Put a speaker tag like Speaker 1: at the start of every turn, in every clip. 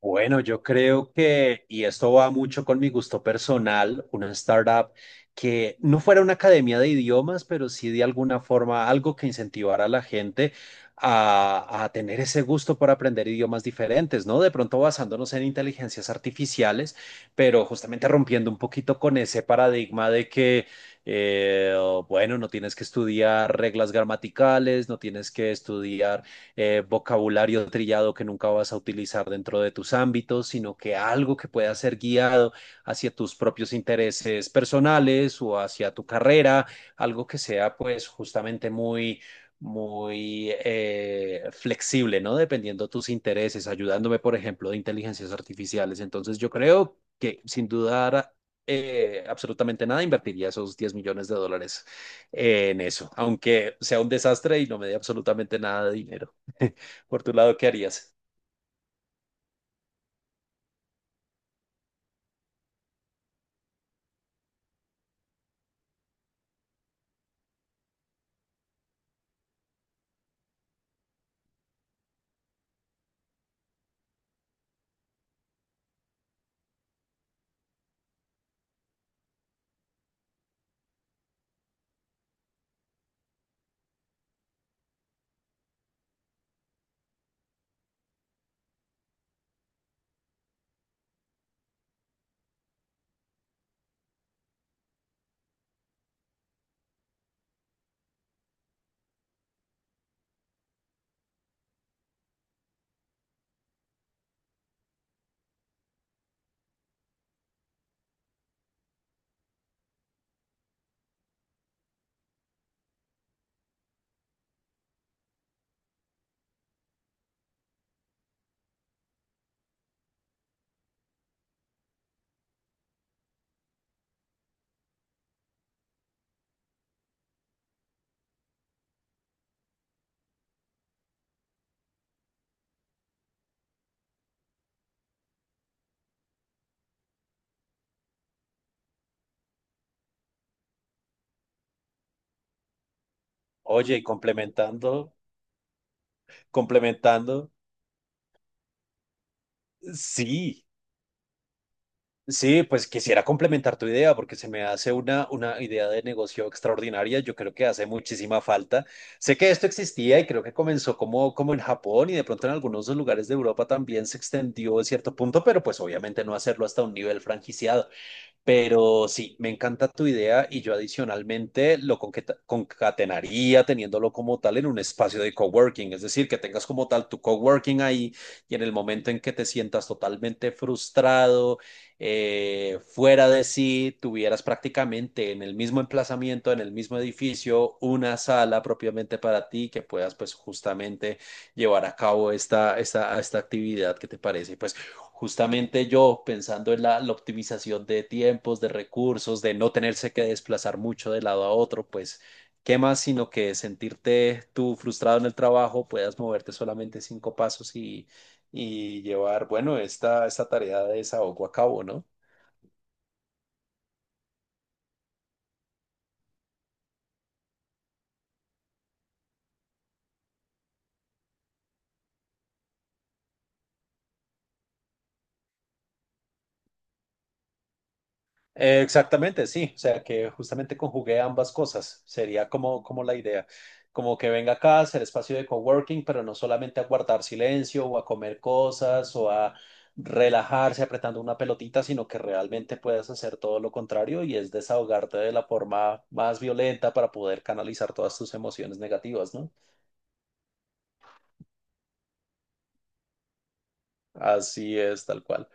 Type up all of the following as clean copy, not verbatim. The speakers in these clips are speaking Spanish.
Speaker 1: Bueno, yo creo que, y esto va mucho con mi gusto personal, una startup que no fuera una academia de idiomas, pero sí de alguna forma algo que incentivara a la gente a tener ese gusto por aprender idiomas diferentes, ¿no? De pronto basándonos en inteligencias artificiales, pero justamente rompiendo un poquito con ese paradigma de que eh, bueno, no tienes que estudiar reglas gramaticales, no tienes que estudiar vocabulario trillado que nunca vas a utilizar dentro de tus ámbitos, sino que algo que pueda ser guiado hacia tus propios intereses personales o hacia tu carrera, algo que sea pues justamente muy muy flexible, ¿no? Dependiendo de tus intereses, ayudándome, por ejemplo, de inteligencias artificiales. Entonces, yo creo que sin dudar absolutamente nada, invertiría esos 10 millones de dólares en eso, aunque sea un desastre y no me dé absolutamente nada de dinero. Por tu lado, ¿qué harías? Oye, y complementando, sí, sí, pues quisiera complementar tu idea porque se me hace una idea de negocio extraordinaria. Yo creo que hace muchísima falta. Sé que esto existía y creo que comenzó como en Japón y de pronto en algunos lugares de Europa también se extendió a cierto punto, pero pues obviamente no hacerlo hasta un nivel franquiciado. Pero sí, me encanta tu idea y yo adicionalmente lo concatenaría teniéndolo como tal en un espacio de coworking, es decir, que tengas como tal tu coworking ahí y en el momento en que te sientas totalmente frustrado, fuera de sí, tuvieras prácticamente en el mismo emplazamiento, en el mismo edificio, una sala propiamente para ti que puedas pues justamente llevar a cabo esta actividad que te parece. Pues justamente yo pensando en la optimización de tiempos, de recursos, de no tenerse que desplazar mucho de lado a otro, pues qué más sino que sentirte tú frustrado en el trabajo, puedas moverte solamente 5 pasos y llevar, bueno, esta tarea de desahogo a cabo, ¿no? Exactamente, sí. O sea, que justamente conjugué ambas cosas. Sería como la idea. Como que venga acá, a hacer espacio de coworking, pero no solamente a guardar silencio o a comer cosas o a relajarse apretando una pelotita, sino que realmente puedas hacer todo lo contrario y es desahogarte de la forma más violenta para poder canalizar todas tus emociones negativas, ¿no? Así es, tal cual.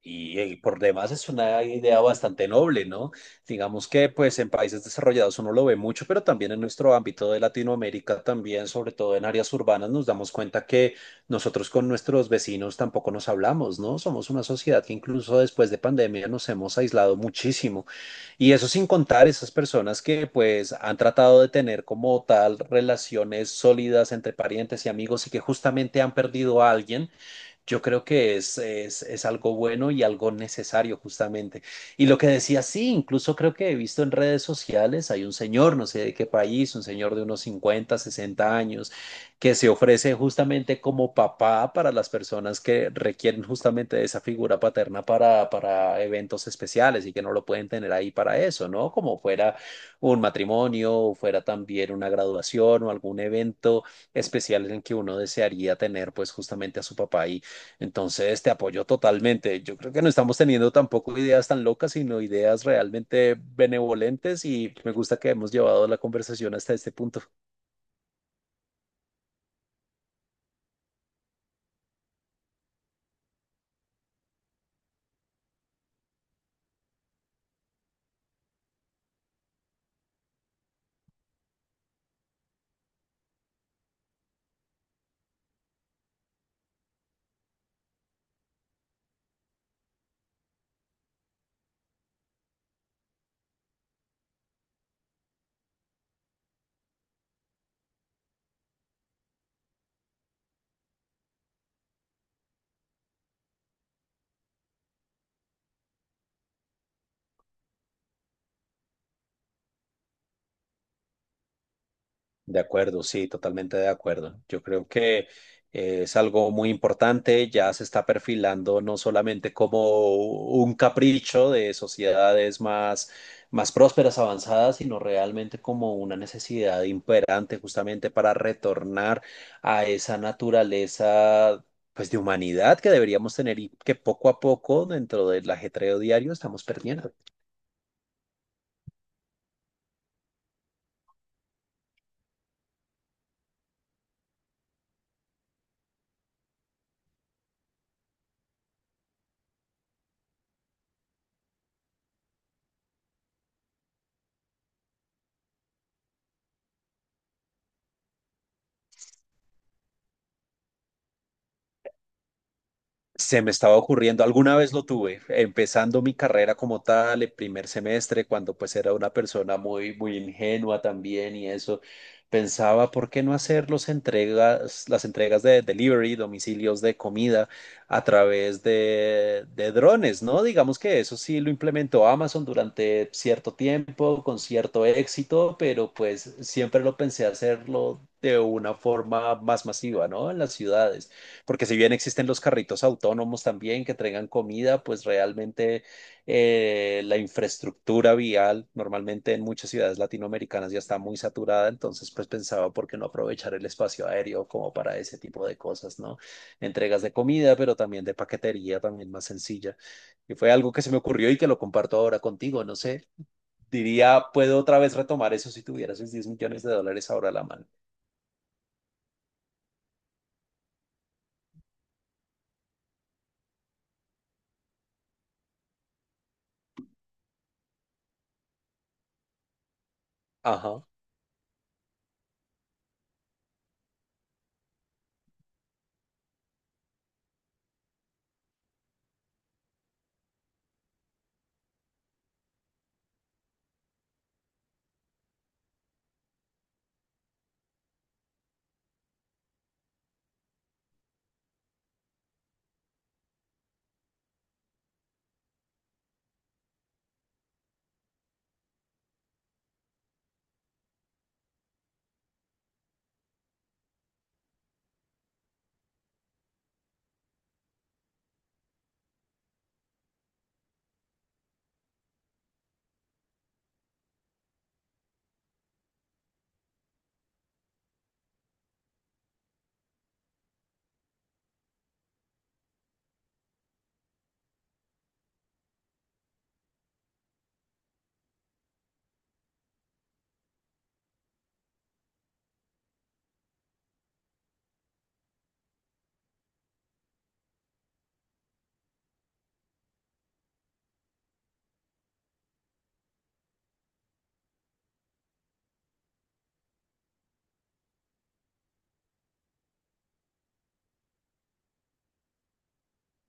Speaker 1: Y por demás es una idea bastante noble, ¿no? Digamos que pues en países desarrollados uno lo ve mucho, pero también en nuestro ámbito de Latinoamérica, también sobre todo en áreas urbanas, nos damos cuenta que nosotros con nuestros vecinos tampoco nos hablamos, ¿no? Somos una sociedad que incluso después de pandemia nos hemos aislado muchísimo. Y eso sin contar esas personas que pues han tratado de tener como tal relaciones sólidas entre parientes y amigos y que justamente han perdido a alguien, yo creo que es algo bueno y algo necesario justamente. Y lo que decía, sí, incluso creo que he visto en redes sociales, hay un señor, no sé de qué país, un señor de unos 50 60 años, que se ofrece justamente como papá para las personas que requieren justamente de esa figura paterna para eventos especiales y que no lo pueden tener ahí para eso, ¿no? Como fuera un matrimonio, o fuera también una graduación o algún evento especial en el que uno desearía tener pues justamente a su papá ahí. Entonces, te apoyo totalmente. Yo creo que no estamos teniendo tampoco ideas tan locas, sino ideas realmente benevolentes y me gusta que hemos llevado la conversación hasta este punto. De acuerdo, sí, totalmente de acuerdo. Yo creo que es algo muy importante, ya se está perfilando no solamente como un capricho de sociedades más prósperas, avanzadas, sino realmente como una necesidad imperante justamente para retornar a esa naturaleza pues de humanidad que deberíamos tener y que poco a poco dentro del ajetreo diario estamos perdiendo. Se me estaba ocurriendo, alguna vez lo tuve, empezando mi carrera como tal, el primer semestre, cuando pues era una persona muy, muy ingenua también y eso, pensaba, ¿por qué no hacer las entregas de delivery, domicilios de comida a través de drones, ¿no? Digamos que eso sí lo implementó Amazon durante cierto tiempo, con cierto éxito, pero pues siempre lo pensé hacerlo de una forma más masiva, ¿no? En las ciudades, porque si bien existen los carritos autónomos también que traigan comida, pues realmente la infraestructura vial normalmente en muchas ciudades latinoamericanas ya está muy saturada, entonces pues pensaba por qué no aprovechar el espacio aéreo como para ese tipo de cosas, ¿no? Entregas de comida, pero también de paquetería, también más sencilla. Y fue algo que se me ocurrió y que lo comparto ahora contigo, no sé, diría, puedo otra vez retomar eso si tuvieras esos 10 millones de dólares ahora a la mano. Ajá.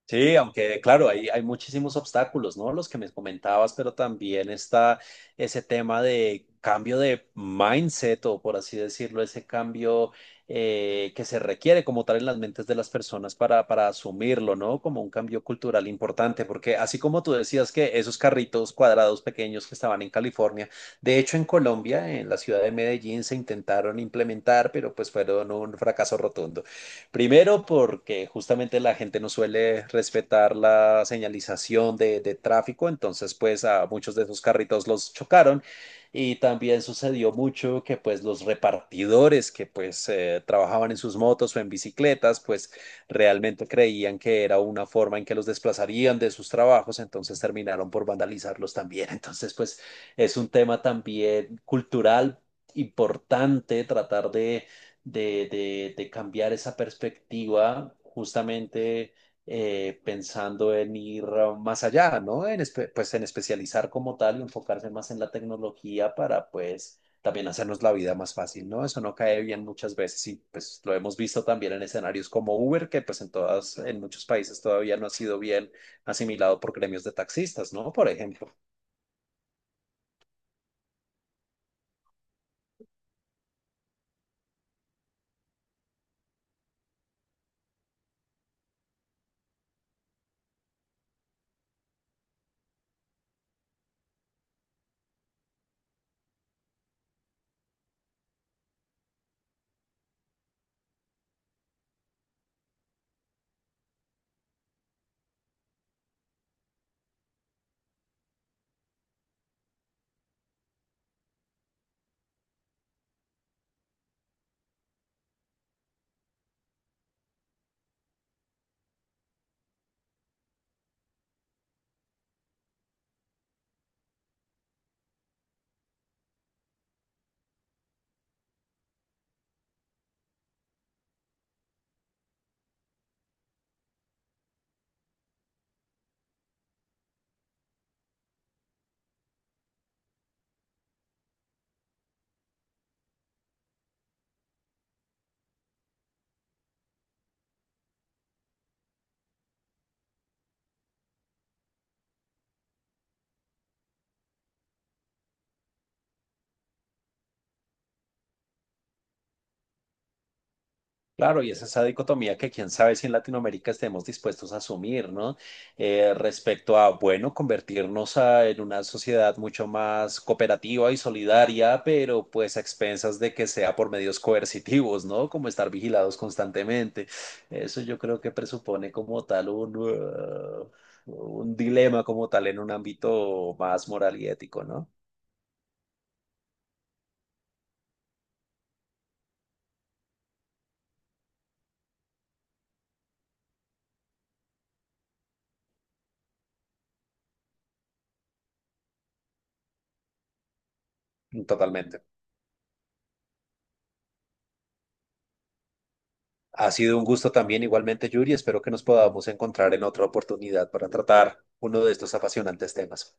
Speaker 1: Sí, aunque claro, hay muchísimos obstáculos, ¿no? Los que me comentabas, pero también está ese tema de cambio de mindset o por así decirlo, ese cambio que se requiere como tal en las mentes de las personas para asumirlo, ¿no? Como un cambio cultural importante, porque así como tú decías que esos carritos cuadrados pequeños que estaban en California, de hecho en Colombia, en la ciudad de Medellín, se intentaron implementar, pero pues fueron un fracaso rotundo. Primero, porque justamente la gente no suele respetar la señalización de tráfico, entonces pues a muchos de esos carritos los chocaron y también sucedió mucho que pues los repartidores que pues trabajaban en sus motos o en bicicletas pues realmente creían que era una forma en que los desplazarían de sus trabajos, entonces terminaron por vandalizarlos también. Entonces pues es un tema también cultural importante tratar de cambiar esa perspectiva, justamente pensando en ir más allá, ¿no? En, pues en especializar como tal y enfocarse más en la tecnología para pues también hacernos la vida más fácil, ¿no? Eso no cae bien muchas veces y pues lo hemos visto también en escenarios como Uber, que pues en todas, en muchos países todavía no ha sido bien asimilado por gremios de taxistas, ¿no? Por ejemplo. Claro, y es esa dicotomía que quién sabe si en Latinoamérica estemos dispuestos a asumir, ¿no? Respecto a, bueno, convertirnos en una sociedad mucho más cooperativa y solidaria, pero pues a expensas de que sea por medios coercitivos, ¿no? Como estar vigilados constantemente. Eso yo creo que presupone como tal un dilema como tal en un ámbito más moral y ético, ¿no? Totalmente. Ha sido un gusto también igualmente, Yuri. Espero que nos podamos encontrar en otra oportunidad para tratar uno de estos apasionantes temas.